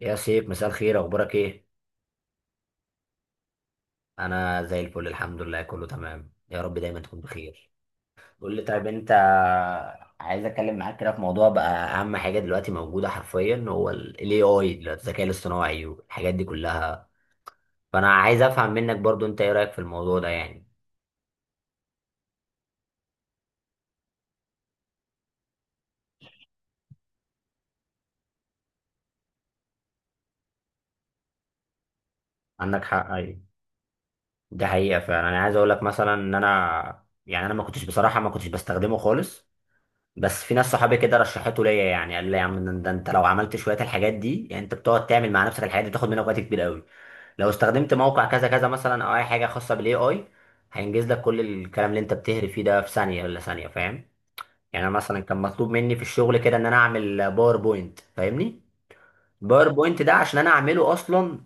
يا سيف، مساء الخير، اخبارك ايه؟ انا زي الفل، الحمد لله، كله تمام. يا رب دايما تكون بخير. قول لي، طيب انت عايز اتكلم معاك كده في موضوع بقى. اهم حاجه دلوقتي موجوده حرفيا هو الاي اي دلوقتي، الذكاء الاصطناعي والحاجات دي كلها. فانا عايز افهم منك برضو انت ايه رايك في الموضوع ده يعني؟ عندك حق، ايوه. ده حقيقه فعلا. انا عايز اقول لك مثلا ان انا، يعني انا ما كنتش بصراحه ما كنتش بستخدمه خالص. بس في ناس صحابي كده رشحته ليا، يعني قال لي يا عم، ده انت لو عملت شويه الحاجات دي يعني انت بتقعد تعمل مع نفسك الحاجات دي تاخد منك وقت كبير قوي. لو استخدمت موقع كذا كذا مثلا او اي حاجه خاصه بالاي اي هينجز لك كل الكلام اللي انت بتهري فيه ده في ثانيه ولا ثانيه، فاهم؟ يعني انا مثلا كان مطلوب مني في الشغل كده ان انا اعمل باوربوينت، فاهمني؟ باوربوينت ده عشان انا اعمله اصلا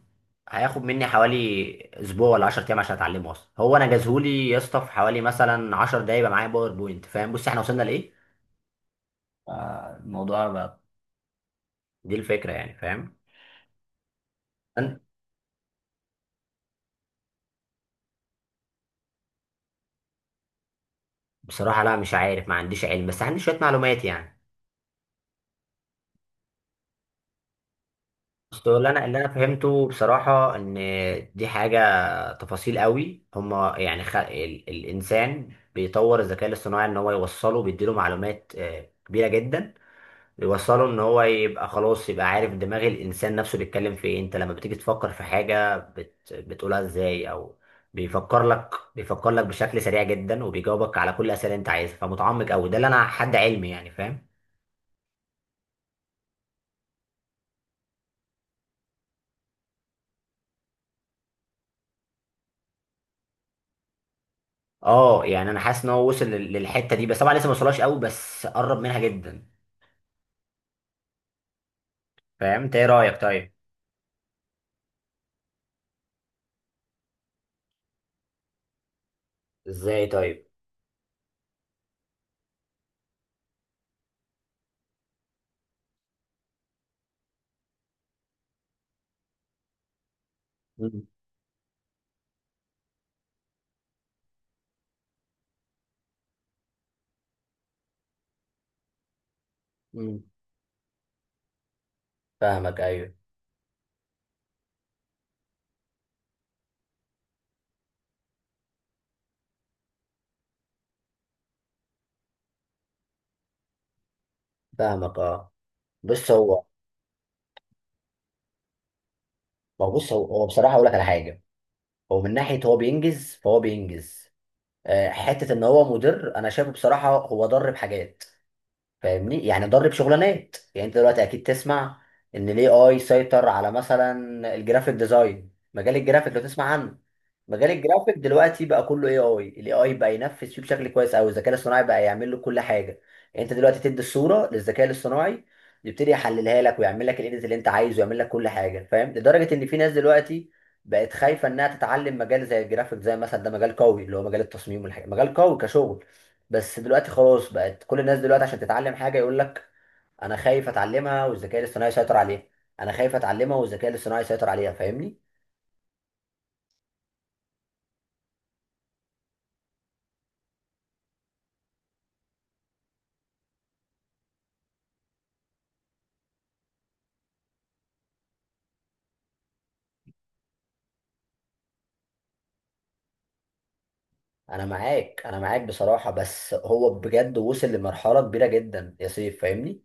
هياخد مني حوالي اسبوع ولا 10 ايام عشان اتعلمه اصلا. هو انا جازهولي يا اسطى في حوالي مثلا 10 دقايق يبقى معايا باوربوينت. فاهم بص احنا وصلنا لايه؟ الموضوع دي الفكرة يعني، فاهم؟ أن- بصراحة لا، مش عارف، ما عنديش علم، بس عندي شوية معلومات يعني. بس اللي انا فهمته بصراحة ان دي حاجة تفاصيل قوي هما، يعني الانسان بيطور الذكاء الاصطناعي ان هو يوصله، بيديله معلومات كبيرة جدا. يوصله ان هو يبقى خلاص، يبقى عارف دماغ الانسان نفسه بيتكلم في ايه. انت لما بتيجي تفكر في حاجه بتقولها ازاي، او بيفكر لك بيفكر لك بشكل سريع جدا وبيجاوبك على كل الاسئله اللي انت عايزها، فمتعمق قوي. ده اللي انا حد علمي يعني، فاهم؟ اه يعني انا حاسس ان هو وصل للحته دي، بس طبعا لسه ما وصلهاش قوي، بس قرب منها جدا. فاهم، انت ايه رايك طيب؟ ازاي طيب؟ مم. مم. فاهمك، ايوه. فاهمك، اه. بص هو، ما هو بص هو بصراحه اقول لك على حاجه، هو من ناحيه هو بينجز، فهو بينجز حته ان هو مدير. انا شايفه بصراحه هو ضر بحاجات، فاهمني؟ يعني ضرب شغلانات. يعني انت دلوقتي اكيد تسمع ان الاي اي سيطر على مثلا الجرافيك ديزاين، مجال الجرافيك لو تسمع عنه. مجال الجرافيك دلوقتي بقى كله اي اي، الاي اي بقى ينفذ فيه بشكل كويس قوي، الذكاء الاصطناعي بقى يعمل له كل حاجه. يعني انت دلوقتي تدي الصوره للذكاء الاصطناعي يبتدي يحللها لك ويعمل لك الايديت اللي انت عايزه ويعمل لك كل حاجه، فاهم؟ لدرجه ان في ناس دلوقتي بقت خايفه انها تتعلم مجال زي الجرافيك، زي مثلا ده مجال قوي، اللي هو مجال التصميم والحاجه، مجال قوي كشغل، بس دلوقتي خلاص بقت كل الناس دلوقتي عشان تتعلم حاجه يقول لك انا خايف اتعلمها والذكاء الاصطناعي يسيطر عليها. انا خايف اتعلمها والذكاء الاصطناعي يسيطر عليها، فاهمني؟ انا معاك، بصراحه، بس هو بجد وصل لمرحله كبيره جدا يا سيف، فاهمني؟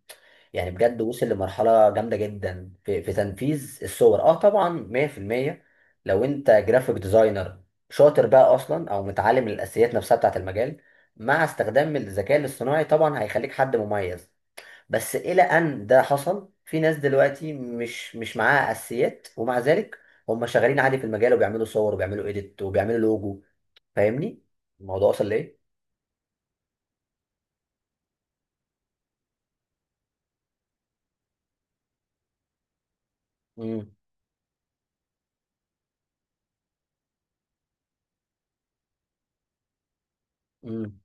يعني بجد وصل لمرحله جامده جدا في تنفيذ الصور، اه طبعا 100%. لو انت جرافيك ديزاينر شاطر بقى اصلا او متعلم الاساسيات نفسها بتاعت المجال، مع استخدام الذكاء الاصطناعي طبعا هيخليك حد مميز. بس إلى أن ده حصل في ناس دلوقتي مش معاها أساسيات، ومع ذلك هم شغالين عادي في المجال وبيعملوا صور وبيعملوا إيديت وبيعملوا لوجو، فاهمني؟ الموضوع وصل لإيه؟ امم امم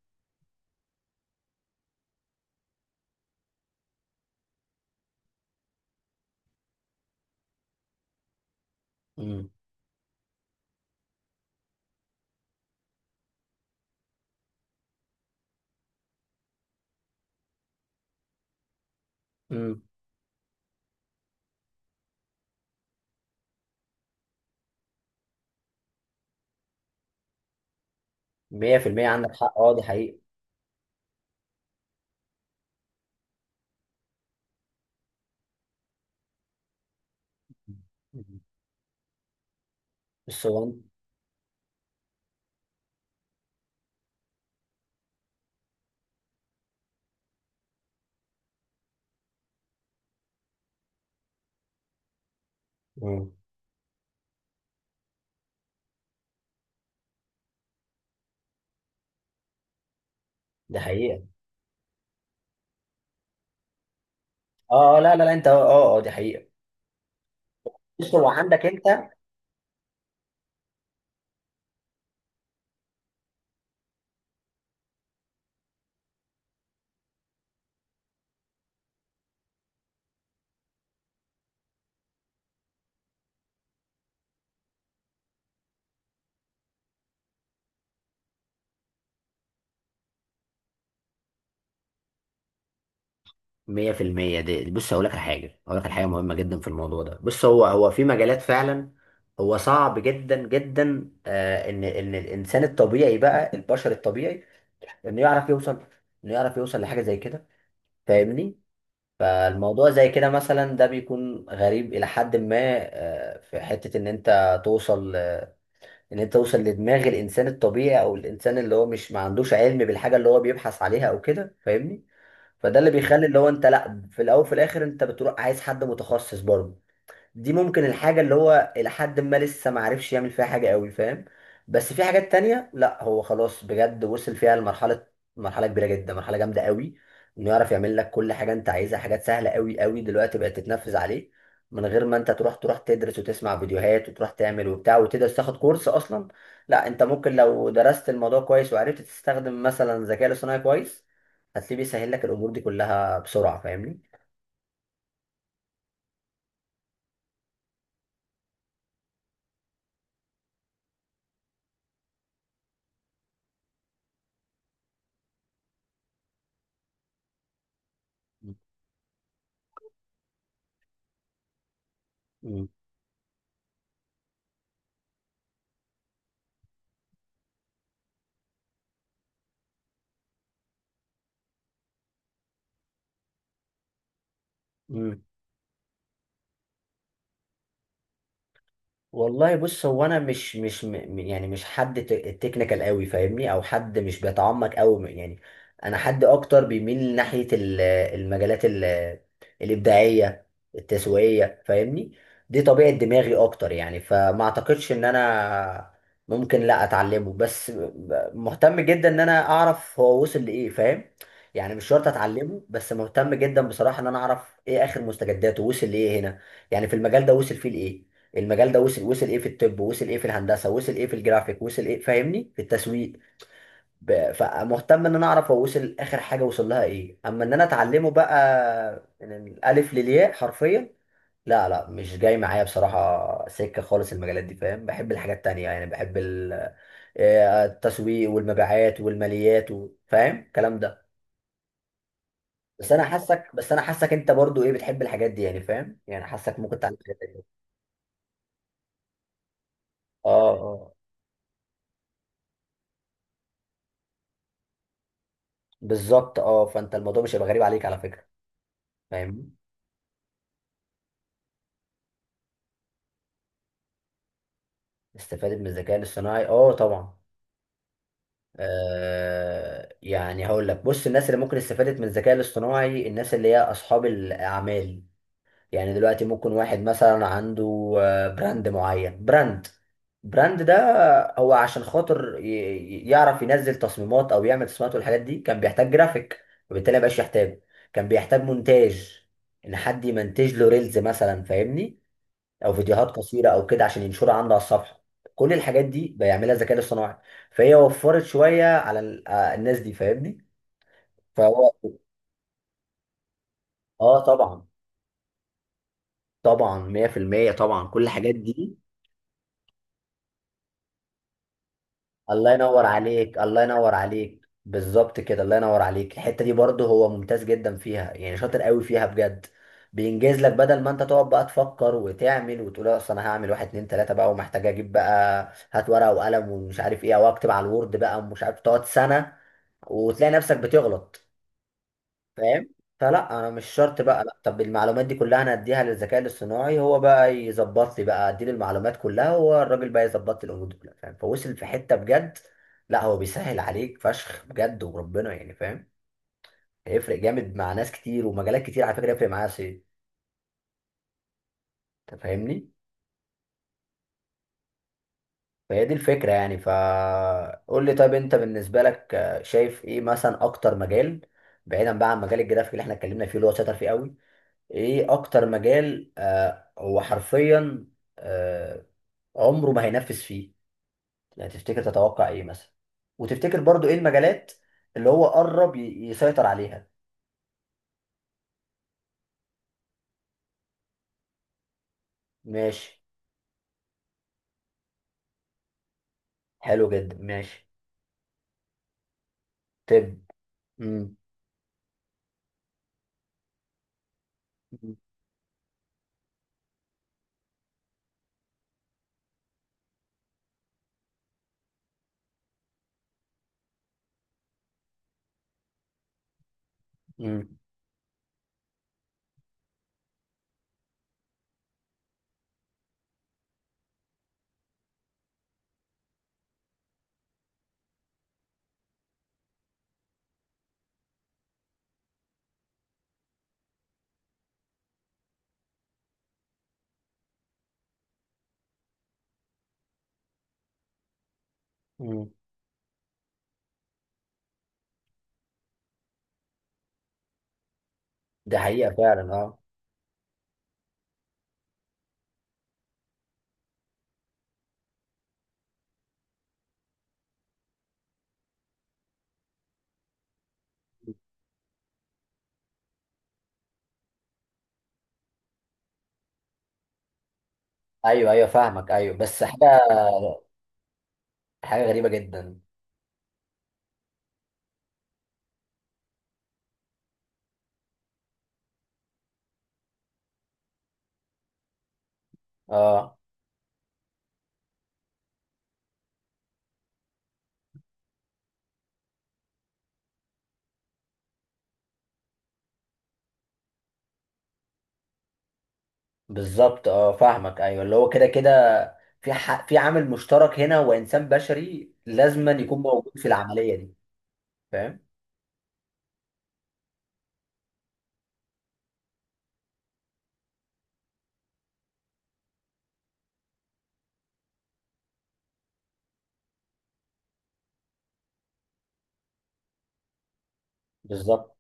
امم امم 100%. عندك حق، اه، دي حقيقة. الصوان، ده حقيقة، اه. لا لا لا انت، اه اه، دي حقيقة. بص هو، عندك انت 100%، دي بص هقول لك على حاجة، هقول لك على حاجة مهمة جدا في الموضوع ده. بص هو، هو في مجالات فعلا هو صعب جدا جدا، ان الانسان الطبيعي بقى، البشر الطبيعي انه يعرف يوصل، لحاجة زي كده، فاهمني؟ فالموضوع زي كده مثلا ده بيكون غريب الى حد ما. آه، في حتة ان انت توصل، لدماغ الانسان الطبيعي، او الانسان اللي هو مش ما عندوش علم بالحاجة اللي هو بيبحث عليها او كده، فاهمني؟ فده اللي بيخلي اللي هو انت، لا، في الاول وفي الاخر انت بتروح عايز حد متخصص برضه. دي ممكن الحاجة اللي هو إلى حد ما لسه ما عرفش يعمل فيها حاجة قوي، فاهم؟ بس في حاجات تانية لا، هو خلاص بجد وصل فيها لمرحلة، مرحلة كبيرة جدا، مرحلة جامدة قوي. إنه يعرف يعمل لك كل حاجة أنت عايزها، حاجات سهلة قوي قوي دلوقتي بقت تتنفذ عليه من غير ما أنت تروح تدرس وتسمع فيديوهات وتروح تعمل وبتاع وتدرس تاخد كورس أصلا. لا أنت ممكن لو درست الموضوع كويس وعرفت تستخدم مثلا الذكاء الاصطناعي كويس، هتلاقيه بيسهل لك الأمور دي كلها بسرعة، فاهمني؟ مم. مم. والله بص هو، انا مش مش م- م- يعني مش حد تكنيكال قوي، فاهمني؟ او حد مش بيتعمق قوي يعني. انا حد اكتر بيميل ناحية المجالات الابداعية التسويقية، فاهمني؟ دي طبيعة دماغي اكتر يعني. فما اعتقدش ان انا ممكن لا اتعلمه، بس مهتم جدا ان انا اعرف هو وصل لايه، فاهم؟ يعني مش شرط اتعلمه، بس مهتم جدا بصراحة ان انا اعرف ايه اخر مستجداته، وصل لايه هنا، يعني في المجال ده وصل فيه لايه. المجال ده وصل ايه في الطب؟ وصل ايه في الهندسه؟ وصل ايه في الجرافيك؟ وصل ايه، فاهمني، في التسويق؟ فمهتم ان انا اعرف هو وصل اخر حاجه وصل لها ايه. اما ان انا اتعلمه بقى من الالف للياء حرفيا، لا لا، مش جاي معايا بصراحه سكه خالص المجالات دي، فاهم؟ بحب الحاجات التانيه يعني، بحب التسويق والمبيعات والماليات فاهم الكلام ده. بس انا حاسك انت برضو ايه بتحب الحاجات دي يعني، فاهم؟ يعني حاسك ممكن تعمل حاجات تانية. اه اه، بالظبط. اه فانت الموضوع مش هيبقى غريب عليك على فكره، فاهمني؟ استفادت من الذكاء الاصطناعي؟ اه طبعا. آه يعني هقول لك، بص الناس اللي ممكن استفادت من الذكاء الاصطناعي الناس اللي هي اصحاب الاعمال. يعني دلوقتي ممكن واحد مثلا عنده براند معين، براند ده هو عشان خاطر يعرف ينزل تصميمات او يعمل تصميمات والحاجات دي كان بيحتاج جرافيك، وبالتالي مبقاش يحتاجه. كان بيحتاج مونتاج، ان حد يمنتج له ريلز مثلا، فاهمني؟ او فيديوهات قصيره او كده عشان ينشرها عنده على الصفحه. كل الحاجات دي بيعملها الذكاء الاصطناعي، فهي وفرت شويه على الناس دي، فاهمني؟ فهو، اه طبعا، طبعا 100%، طبعا كل الحاجات دي. الله ينور عليك، الله ينور عليك، بالظبط كده، الله ينور عليك. الحتة دي برضه هو ممتاز جدا فيها يعني، شاطر قوي فيها بجد. بينجز لك بدل ما انت تقعد بقى تفكر وتعمل وتقول اصل انا هعمل واحد اتنين تلاتة بقى، ومحتاج اجيب بقى، هات ورقة وقلم ومش عارف ايه، او اكتب على الوورد بقى ومش عارف، تقعد سنة وتلاقي نفسك بتغلط، فاهم؟ فلا، انا مش شرط بقى، لا طب المعلومات دي كلها انا اديها للذكاء الاصطناعي، هو بقى يظبط لي بقى، اديله المعلومات كلها، هو الراجل بقى يظبط لي الامور دي كلها، فاهم؟ فوصل في حته بجد. لا هو بيسهل عليك فشخ بجد وربنا يعني، فاهم؟ هيفرق جامد مع ناس كتير ومجالات كتير على فكره، هيفرق معايا، سي، انت فاهمني؟ فهي دي الفكره يعني. فقول لي، طيب انت بالنسبه لك شايف ايه مثلا اكتر مجال، بعيدا بقى عن مجال الجرافيك اللي احنا اتكلمنا فيه اللي هو شاطر فيه قوي، ايه اكتر مجال هو حرفيا آه عمره ما هينفذ فيه، يعني تفتكر، تتوقع ايه مثلا؟ وتفتكر برضو ايه المجالات اللي هو قرب يسيطر عليها؟ ماشي، حلو جدا، ماشي. طب امم امم امم ده حقيقة فعلا، اه. ايوه ايوه، فاهمك، ايوه، بس حاجة، حاجة غريبة جدا. اه بالظبط، اه فاهمك، ايوه، اللي هو كده كده في عامل مشترك هنا، وانسان بشري لازما يكون موجود في العمليه دي، فاهم؟ بالظبط،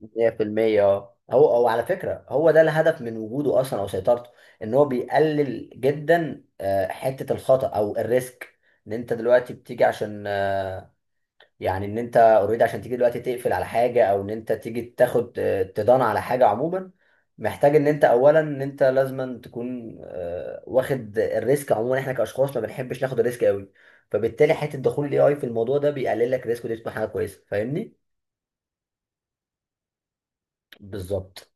100%. اه هو، او على فكره هو ده الهدف من وجوده اصلا او سيطرته، ان هو بيقلل جدا حته الخطا او الريسك. ان انت دلوقتي بتيجي عشان يعني ان انت اوريدي عشان تيجي دلوقتي تقفل على حاجه، او ان انت تيجي تاخد تدان على حاجه عموما، محتاج ان انت اولا ان انت لازما تكون واخد الريسك. عموما احنا كاشخاص ما بنحبش ناخد الريسك قوي. فبالتالي حته دخول الاي اي في الموضوع ده بيقلل لك الريسك، ودي بتبقى حاجه كويسه، فاهمني؟ بالظبط.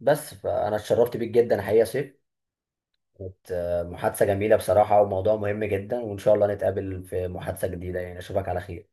بس فانا اتشرفت بيك جدا حقيقه يا سيف. كانت محادثه جميله بصراحه وموضوع مهم جدا، وان شاء الله نتقابل في محادثه جديده يعني، اشوفك على خير.